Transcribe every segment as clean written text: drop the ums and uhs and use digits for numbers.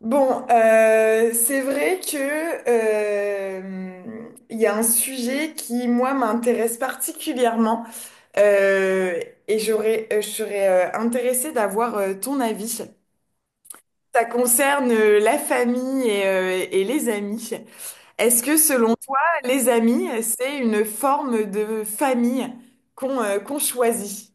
C'est vrai que euh, il y a un sujet qui, moi, m'intéresse particulièrement euh, et je serais intéressée d'avoir ton avis. Ça concerne la famille et les amis. Est-ce que, selon toi, les amis, c'est une forme de famille qu'on choisit?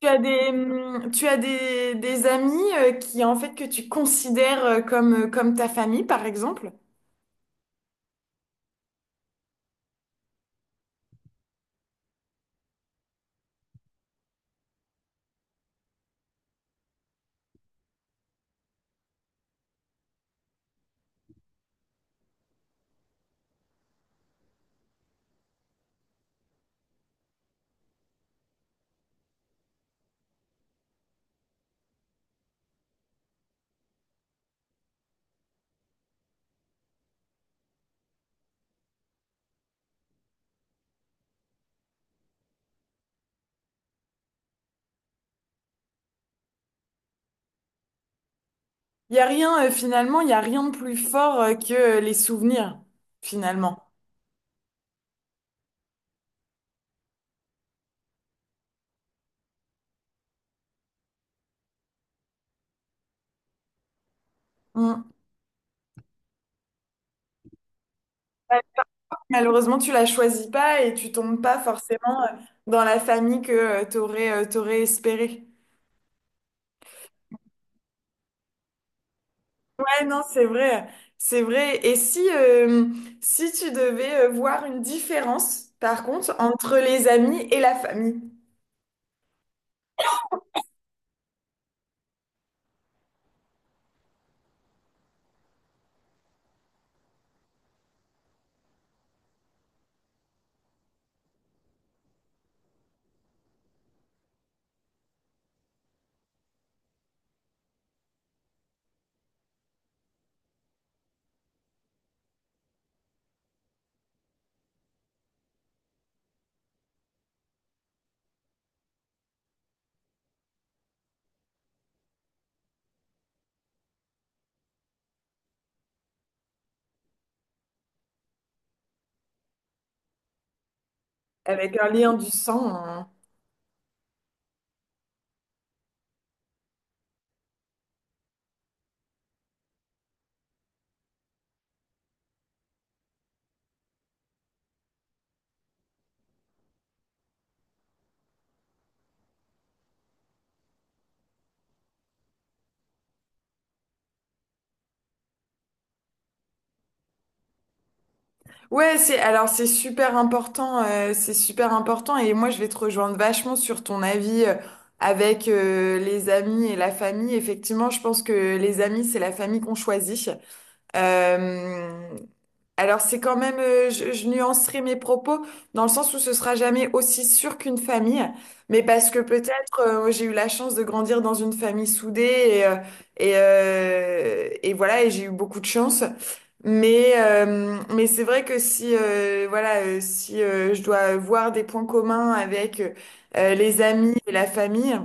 Tu as tu as des amis qui, en fait, que tu considères comme, comme ta famille, par exemple? Il n'y a rien, finalement, il n'y a rien de plus fort que les souvenirs, finalement. Hum. Malheureusement, tu la choisis pas et tu tombes pas forcément dans la famille que tu aurais, espéré. Ouais, non, c'est vrai, c'est vrai. Et si tu devais voir une différence, par contre, entre les amis et la famille, avec un lien du sang, hein. Ouais, c'est super important, c'est super important et moi je vais te rejoindre vachement sur ton avis avec les amis et la famille. Effectivement, je pense que les amis c'est la famille qu'on choisit. Euh, alors c'est quand même, je nuancerai mes propos dans le sens où ce sera jamais aussi sûr qu'une famille, mais parce que peut-être j'ai eu la chance de grandir dans une famille soudée et voilà et j'ai eu beaucoup de chance. Mais c'est vrai que si voilà si je dois voir des points communs avec les amis et la famille.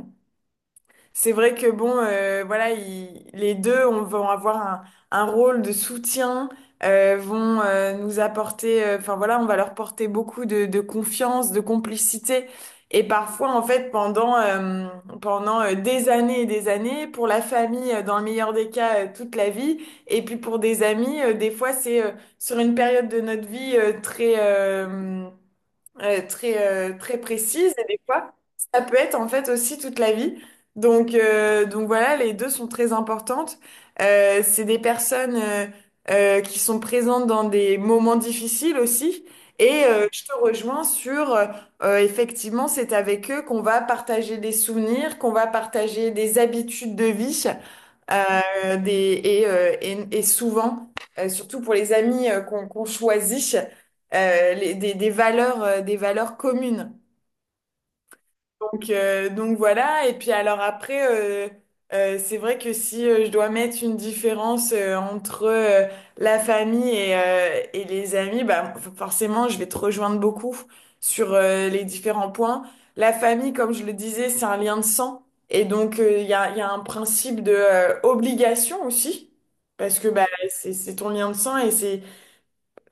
C'est vrai que voilà, les deux vont avoir un rôle de soutien, vont nous apporter, enfin voilà, on va leur porter beaucoup de confiance, de complicité. Et parfois, en fait, pendant des années et des années, pour la famille, dans le meilleur des cas, toute la vie, et puis pour des amis, des fois, c'est sur une période de notre vie très précise et des fois, ça peut être en fait aussi toute la vie. Donc voilà, les deux sont très importantes. C'est des personnes qui sont présentes dans des moments difficiles aussi. Et je te rejoins sur, effectivement, c'est avec eux qu'on va partager des souvenirs, qu'on va partager des habitudes de vie. Et souvent, surtout pour les amis qu'on choisit, des valeurs communes. Donc voilà, et puis alors après, c'est vrai que si je dois mettre une différence entre la famille et les amis, bah, forcément, je vais te rejoindre beaucoup sur les différents points. La famille, comme je le disais, c'est un lien de sang, et donc il y a un principe de obligation aussi, parce que bah, c'est ton lien de sang et c'est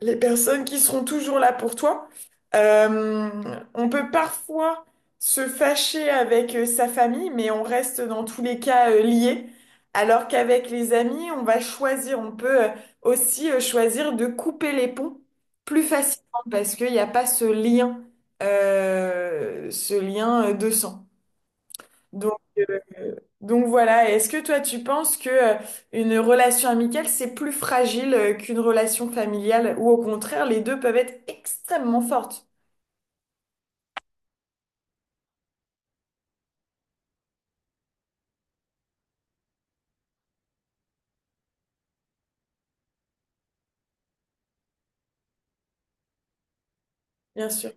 les personnes qui seront toujours là pour toi. Euh, on peut parfois se fâcher avec sa famille, mais on reste dans tous les cas liés. Alors qu'avec les amis, on va choisir, on peut aussi choisir de couper les ponts plus facilement parce qu'il n'y a pas ce lien, ce lien de sang. Donc, euh, donc voilà, est-ce que toi tu penses que une relation amicale c'est plus fragile qu'une relation familiale ou au contraire les deux peuvent être extrêmement fortes, bien sûr.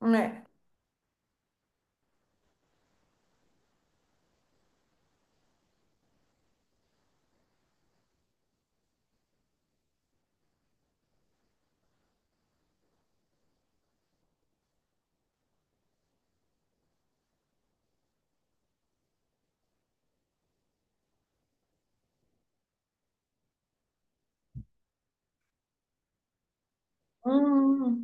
Ouais. Mmh.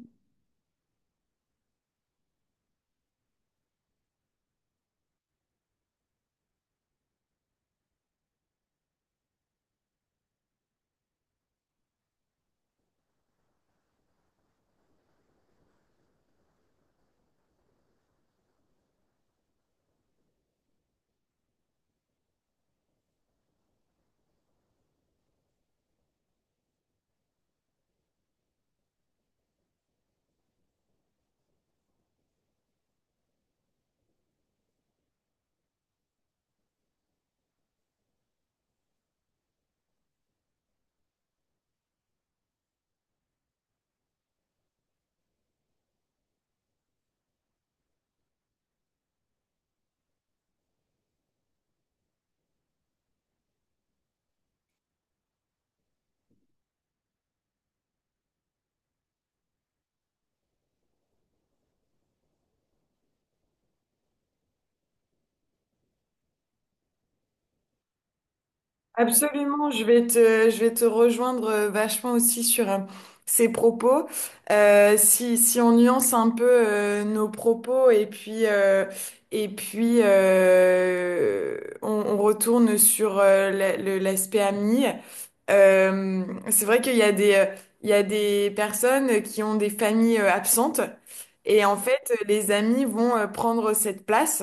Absolument, je vais te rejoindre vachement aussi sur ces propos. Si on nuance un peu nos propos et puis on retourne sur l'aspect ami, euh, c'est vrai qu'il y a il y a des personnes qui ont des familles absentes et en fait les amis vont prendre cette place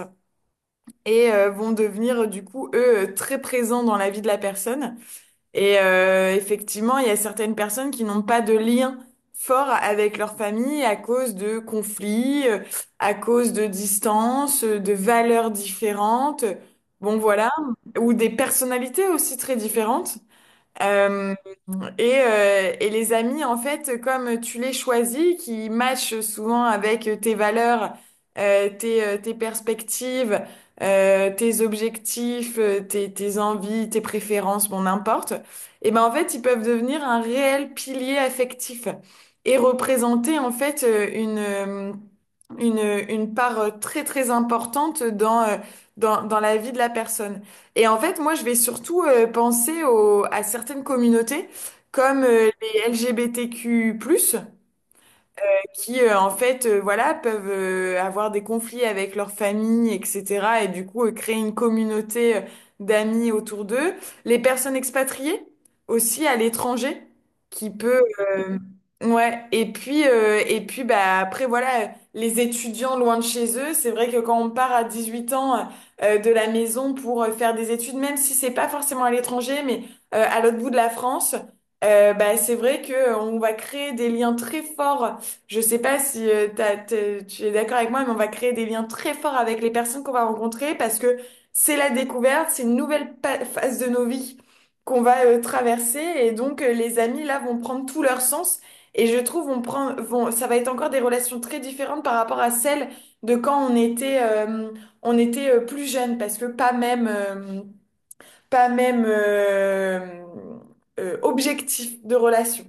et vont devenir du coup eux très présents dans la vie de la personne. Et effectivement, il y a certaines personnes qui n'ont pas de lien fort avec leur famille à cause de conflits, à cause de distances, de valeurs différentes. Bon, voilà. Ou des personnalités aussi très différentes. Euh, et les amis, en fait, comme tu les choisis, qui matchent souvent avec tes valeurs, tes perspectives, tes objectifs, tes envies, tes préférences, bon, n'importe, et ben en fait, ils peuvent devenir un réel pilier affectif et représenter en fait une, une part très très importante dans dans la vie de la personne. Et en fait, moi, je vais surtout à certaines communautés comme les LGBTQ+, qui en fait voilà peuvent avoir des conflits avec leur famille etc et du coup créer une communauté d'amis autour d'eux, les personnes expatriées aussi à l'étranger qui peut euh, ouais. Et puis bah après voilà, les étudiants loin de chez eux, c'est vrai que quand on part à 18 ans de la maison pour faire des études même si c'est pas forcément à l'étranger mais à l'autre bout de la France, c'est vrai que on va créer des liens très forts. Je sais pas si tu es d'accord avec moi, mais on va créer des liens très forts avec les personnes qu'on va rencontrer parce que c'est la découverte, c'est une nouvelle phase de nos vies qu'on va traverser et donc les amis là vont prendre tout leur sens. Et je trouve ça va être encore des relations très différentes par rapport à celles de quand on était plus jeune parce que pas même objectif de relation.